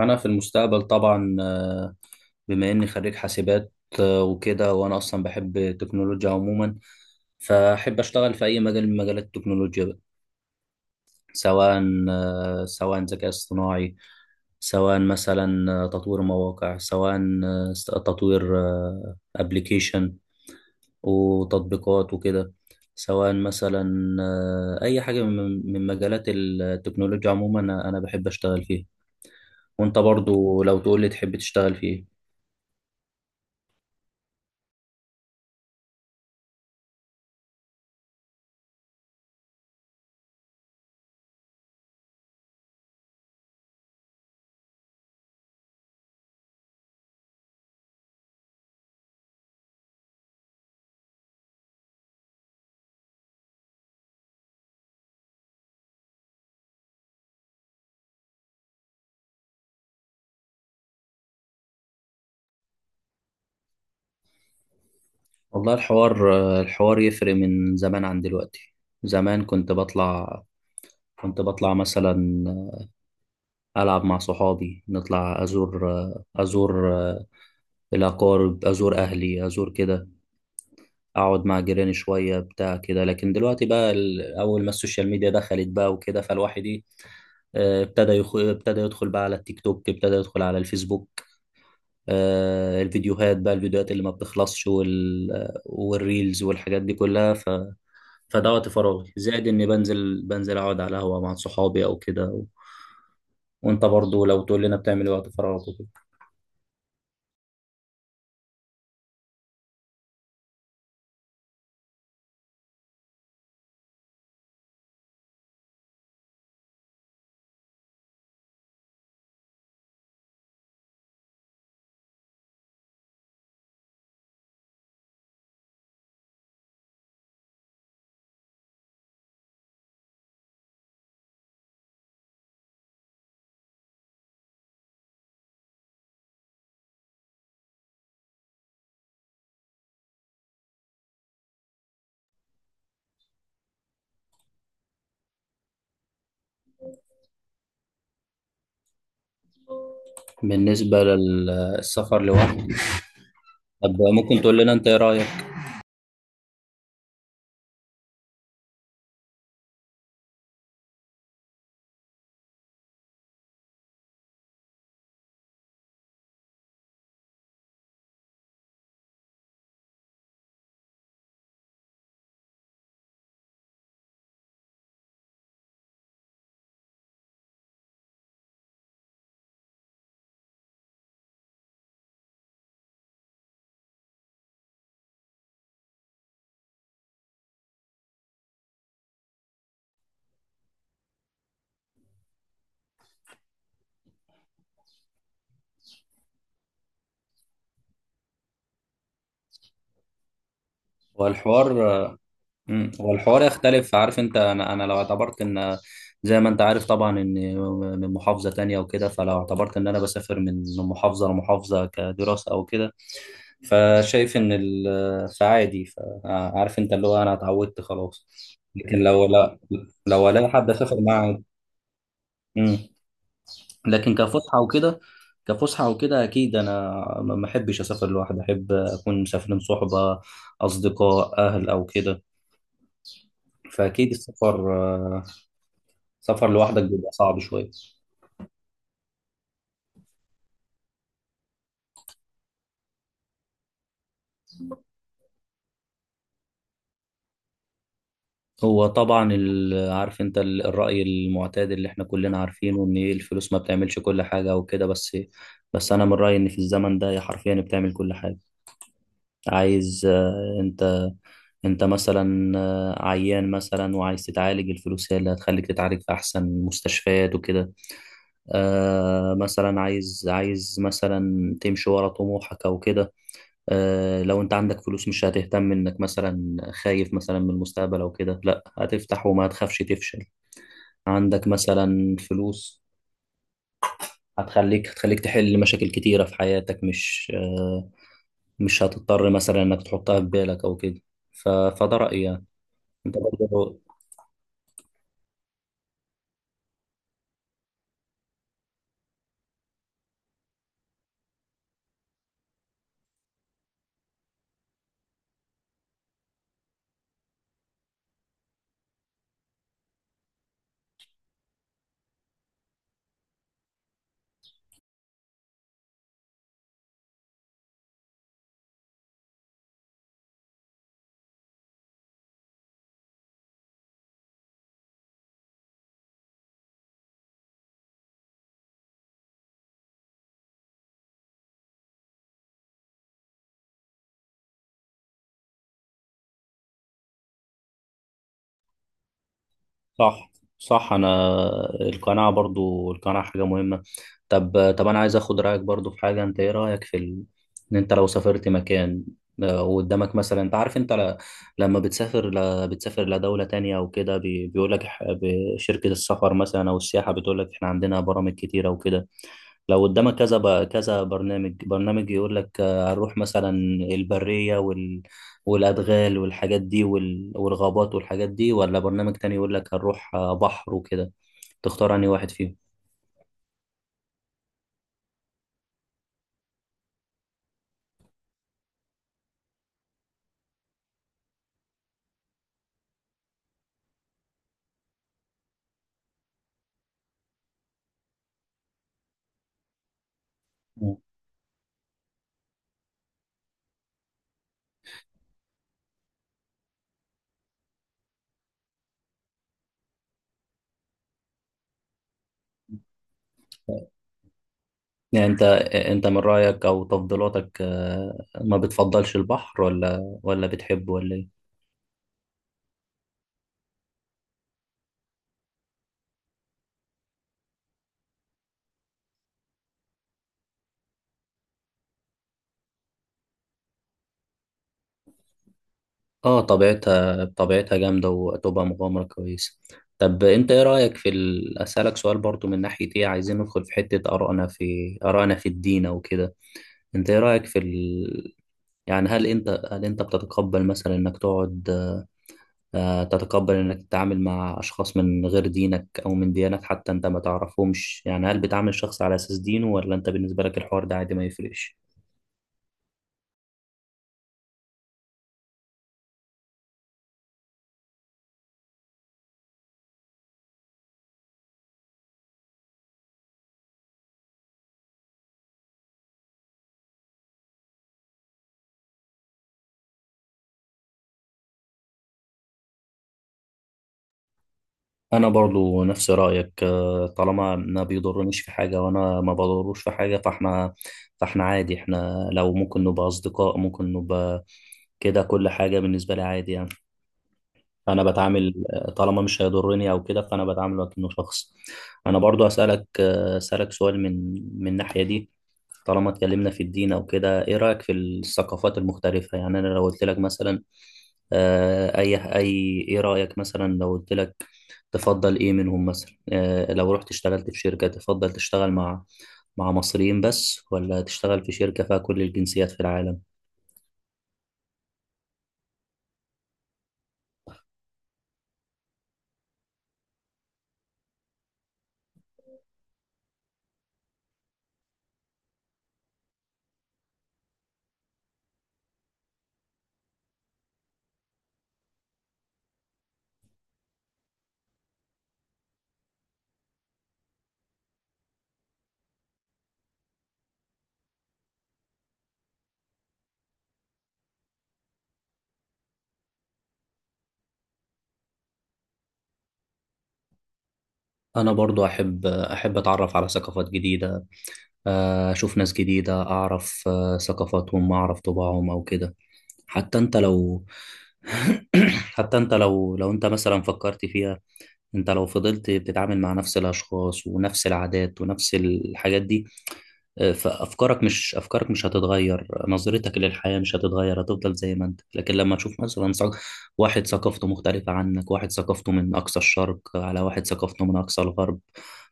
انا في المستقبل طبعا، بما اني خريج حاسبات، وكده. وانا اصلا بحب التكنولوجيا عموما، فاحب اشتغل في اي مجال من مجالات التكنولوجيا بقى. سواء سواء ذكاء اصطناعي، سواء مثلا تطوير مواقع، سواء تطوير ابلكيشن وتطبيقات وكده. سواء مثلا اي حاجة من مجالات التكنولوجيا عموما، أنا بحب اشتغل فيها. وانت برضو لو تقول لي تحب تشتغل في ايه؟ والله، الحوار يفرق من زمان عن دلوقتي. زمان كنت بطلع مثلا ألعب مع صحابي، نطلع، أزور الأقارب، أزور أهلي، أزور كده، أقعد مع جيراني شوية بتاع كده. لكن دلوقتي بقى، أول ما السوشيال ميديا دخلت بقى وكده، فالواحد إيه، ابتدى ابتدى يدخل بقى على التيك توك، ابتدى يدخل على الفيسبوك. الفيديوهات بقى، الفيديوهات اللي ما بتخلصش، والريلز والحاجات دي كلها. فده وقت فراغي، زائد اني بنزل اقعد على قهوه مع صحابي او كده. وانت برضو لو تقول لنا بتعمل إيه وقت فراغك وكده؟ بالنسبه للسفر لوحدي، طب ممكن تقول لنا انت ايه رايك؟ والحوار. مم. هو الحوار يختلف. عارف انت، انا لو اعتبرت ان، زي ما انت عارف طبعا، ان من محافظة تانية وكده، فلو اعتبرت ان انا بسافر من محافظة لمحافظة كدراسة او كده، فشايف ان، فعادي، فعارف انت اللي هو انا اتعودت خلاص. لكن لو لا، لو الاقي حد اسافر معاه. مم. لكن كفسحة وكده، اكيد انا ما احبش اسافر لوحدي، احب اكون مسافرين صحبة، اصدقاء، اهل او كده. فاكيد سفر لوحدك بيبقى صعب شوية. هو طبعا الرأي المعتاد اللي احنا كلنا عارفينه، ان إيه، الفلوس ما بتعملش كل حاجة وكده. بس انا من رأيي ان في الزمن ده هي حرفيا بتعمل كل حاجة. عايز انت مثلا، عيان مثلا وعايز تتعالج، الفلوس هي اللي هتخليك تتعالج في احسن مستشفيات وكده. آه مثلا عايز مثلا تمشي ورا طموحك او كده. لو انت عندك فلوس، مش هتهتم انك مثلا خايف مثلا من المستقبل او كده، لا، هتفتح وما تخافش تفشل. عندك مثلا فلوس، هتخليك تحل مشاكل كتيرة في حياتك، مش هتضطر مثلا انك تحطها في بالك او كده. فده رأيي يعني. انت برضه؟ صح، صح. انا القناعه، برضو القناعه حاجه مهمه. طب، انا عايز اخد رايك برضو في حاجه. انت ايه رايك في ان انت لو سافرت مكان، وقدامك مثلا انت عارف، انت لما بتسافر لدوله تانية او كده، بيقول لك شركه السفر مثلا او السياحه، بتقول لك احنا عندنا برامج كتيره وكده. لو قدامك كذا كذا برنامج، برنامج يقول لك، هنروح مثلا البرية، والأدغال والحاجات دي، والغابات والحاجات دي، ولا برنامج تاني يقول لك هنروح، بحر وكده. تختار أنهي واحد فيهم؟ مم. يعني أنت من رأيك أو تفضيلاتك، ما بتفضلش البحر، ولا بتحبه، ولا إيه؟ اه، طبيعتها جامدة وتبقى مغامرة كويسة. طب انت ايه رأيك في اسألك سؤال برضو من ناحية ايه. عايزين ندخل في حتة آرائنا، في الدين او كده. انت ايه رأيك في يعني هل انت، بتتقبل مثلا انك تقعد، آه، تتقبل انك تتعامل مع اشخاص من غير دينك او من ديانات حتى انت ما تعرفهمش، يعني هل بتعامل الشخص على اساس دينه؟ ولا انت بالنسبة لك الحوار ده عادي، ما يفرقش؟ انا برضو نفس رايك، طالما ما بيضرنيش في حاجه وانا ما بضروش في حاجه، فاحنا عادي. احنا لو ممكن نبقى اصدقاء، ممكن نبقى كده، كل حاجه بالنسبه لي عادي يعني. انا بتعامل، طالما مش هيضرني او كده، فانا بتعامل وكأنه شخص. انا برضو اسالك، سؤال من الناحيه دي. طالما اتكلمنا في الدين او كده، ايه رايك في الثقافات المختلفه؟ يعني انا لو قلت لك مثلا، اي ايه رايك مثلا؟ لو قلت لك تفضل ايه منهم مثلا، لو رحت اشتغلت في شركه، تفضل تشتغل مع مصريين بس، ولا تشتغل في شركه فيها كل الجنسيات في العالم؟ انا برضو احب، اتعرف على ثقافات جديده، أشوف ناس جديدة، أعرف ثقافاتهم، أعرف طباعهم أو كده. حتى أنت لو حتى أنت لو أنت مثلا فكرت فيها، انت لو فضلت بتتعامل مع نفس الاشخاص ونفس العادات ونفس الحاجات دي، فافكارك مش افكارك مش هتتغير، نظرتك للحياه مش هتتغير، هتفضل زي ما انت. لكن لما تشوف مثلا، واحد ثقافته مختلفه عنك، واحد ثقافته من اقصى الشرق، على واحد ثقافته من اقصى الغرب،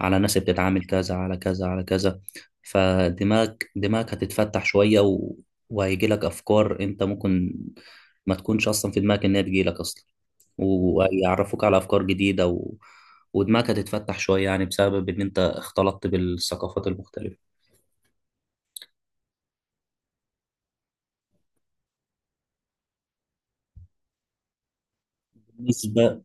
على ناس بتتعامل كذا، على كذا، على كذا. فدماغك، هتتفتح شويه، وهيجي لك افكار انت ممكن ما تكونش اصلا في دماغك ان هي تجي لك اصلا، ويعرفوك على أفكار جديدة، ودماغك هتتفتح شوية، يعني بسبب إن أنت اختلطت بالثقافات المختلفة. بالنسبة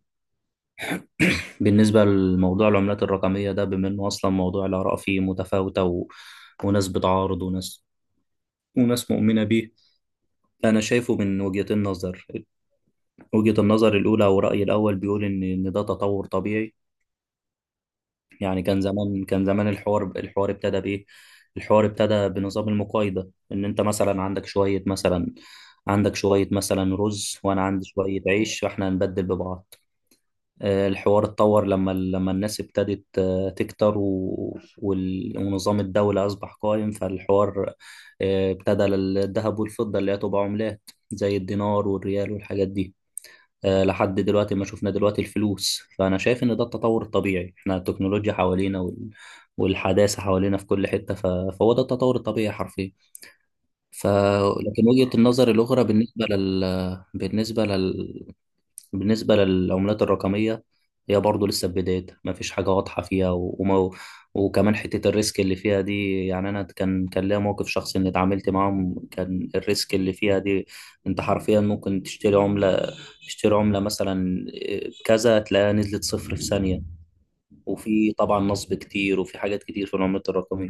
بالنسبة لموضوع العملات الرقمية ده، بما إنه أصلا موضوع الآراء فيه متفاوتة، وناس بتعارض، وناس مؤمنة بيه. أنا شايفه من وجهة النظر الأولى، أو رأيي الأول، بيقول إن ده تطور طبيعي. يعني كان زمان، الحوار، ابتدى بايه؟ الحوار ابتدى بنظام المقايضة، ان انت مثلا عندك شوية مثلا، رز، وانا عندي شوية عيش، فاحنا هنبدل ببعض. الحوار اتطور لما الناس ابتدت تكتر، ونظام الدولة اصبح قائم، فالحوار ابتدى الذهب والفضة اللي هي تبقى عملات زي الدينار والريال والحاجات دي. لحد دلوقتي ما شفنا دلوقتي الفلوس، فأنا شايف إن ده التطور الطبيعي. إحنا التكنولوجيا حوالينا، والحداثة حوالينا في كل حتة، فهو ده التطور الطبيعي حرفيا ف... لكن وجهة النظر الأخرى، بالنسبة للعملات الرقمية، هي برضه لسه في بدايتها، مفيش حاجة واضحة فيها و- وما وكمان حتة الريسك اللي فيها دي. يعني أنا كان ليا موقف شخصي، إني اتعاملت معاهم، كان الريسك اللي فيها دي، أنت حرفيا ممكن تشتري عملة، مثلا، إيه، كذا، تلاقيها نزلت صفر في ثانية. وفي طبعا نصب كتير، وفي حاجات كتير في العملات الرقمية.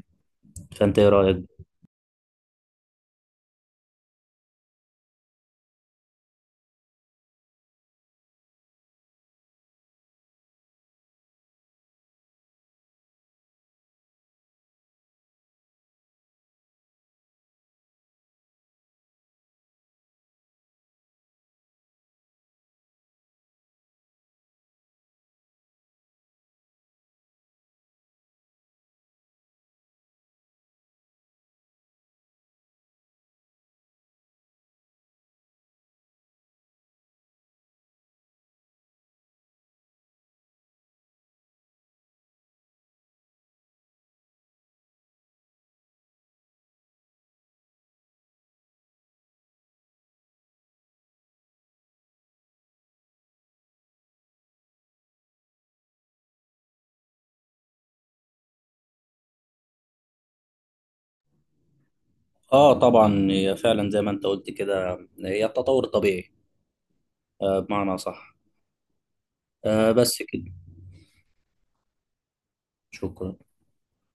فأنت إيه رأيك؟ آه طبعا هي فعلا زي ما أنت قلت كده، هي التطور الطبيعي، بمعنى صح. بس كده. شكرا.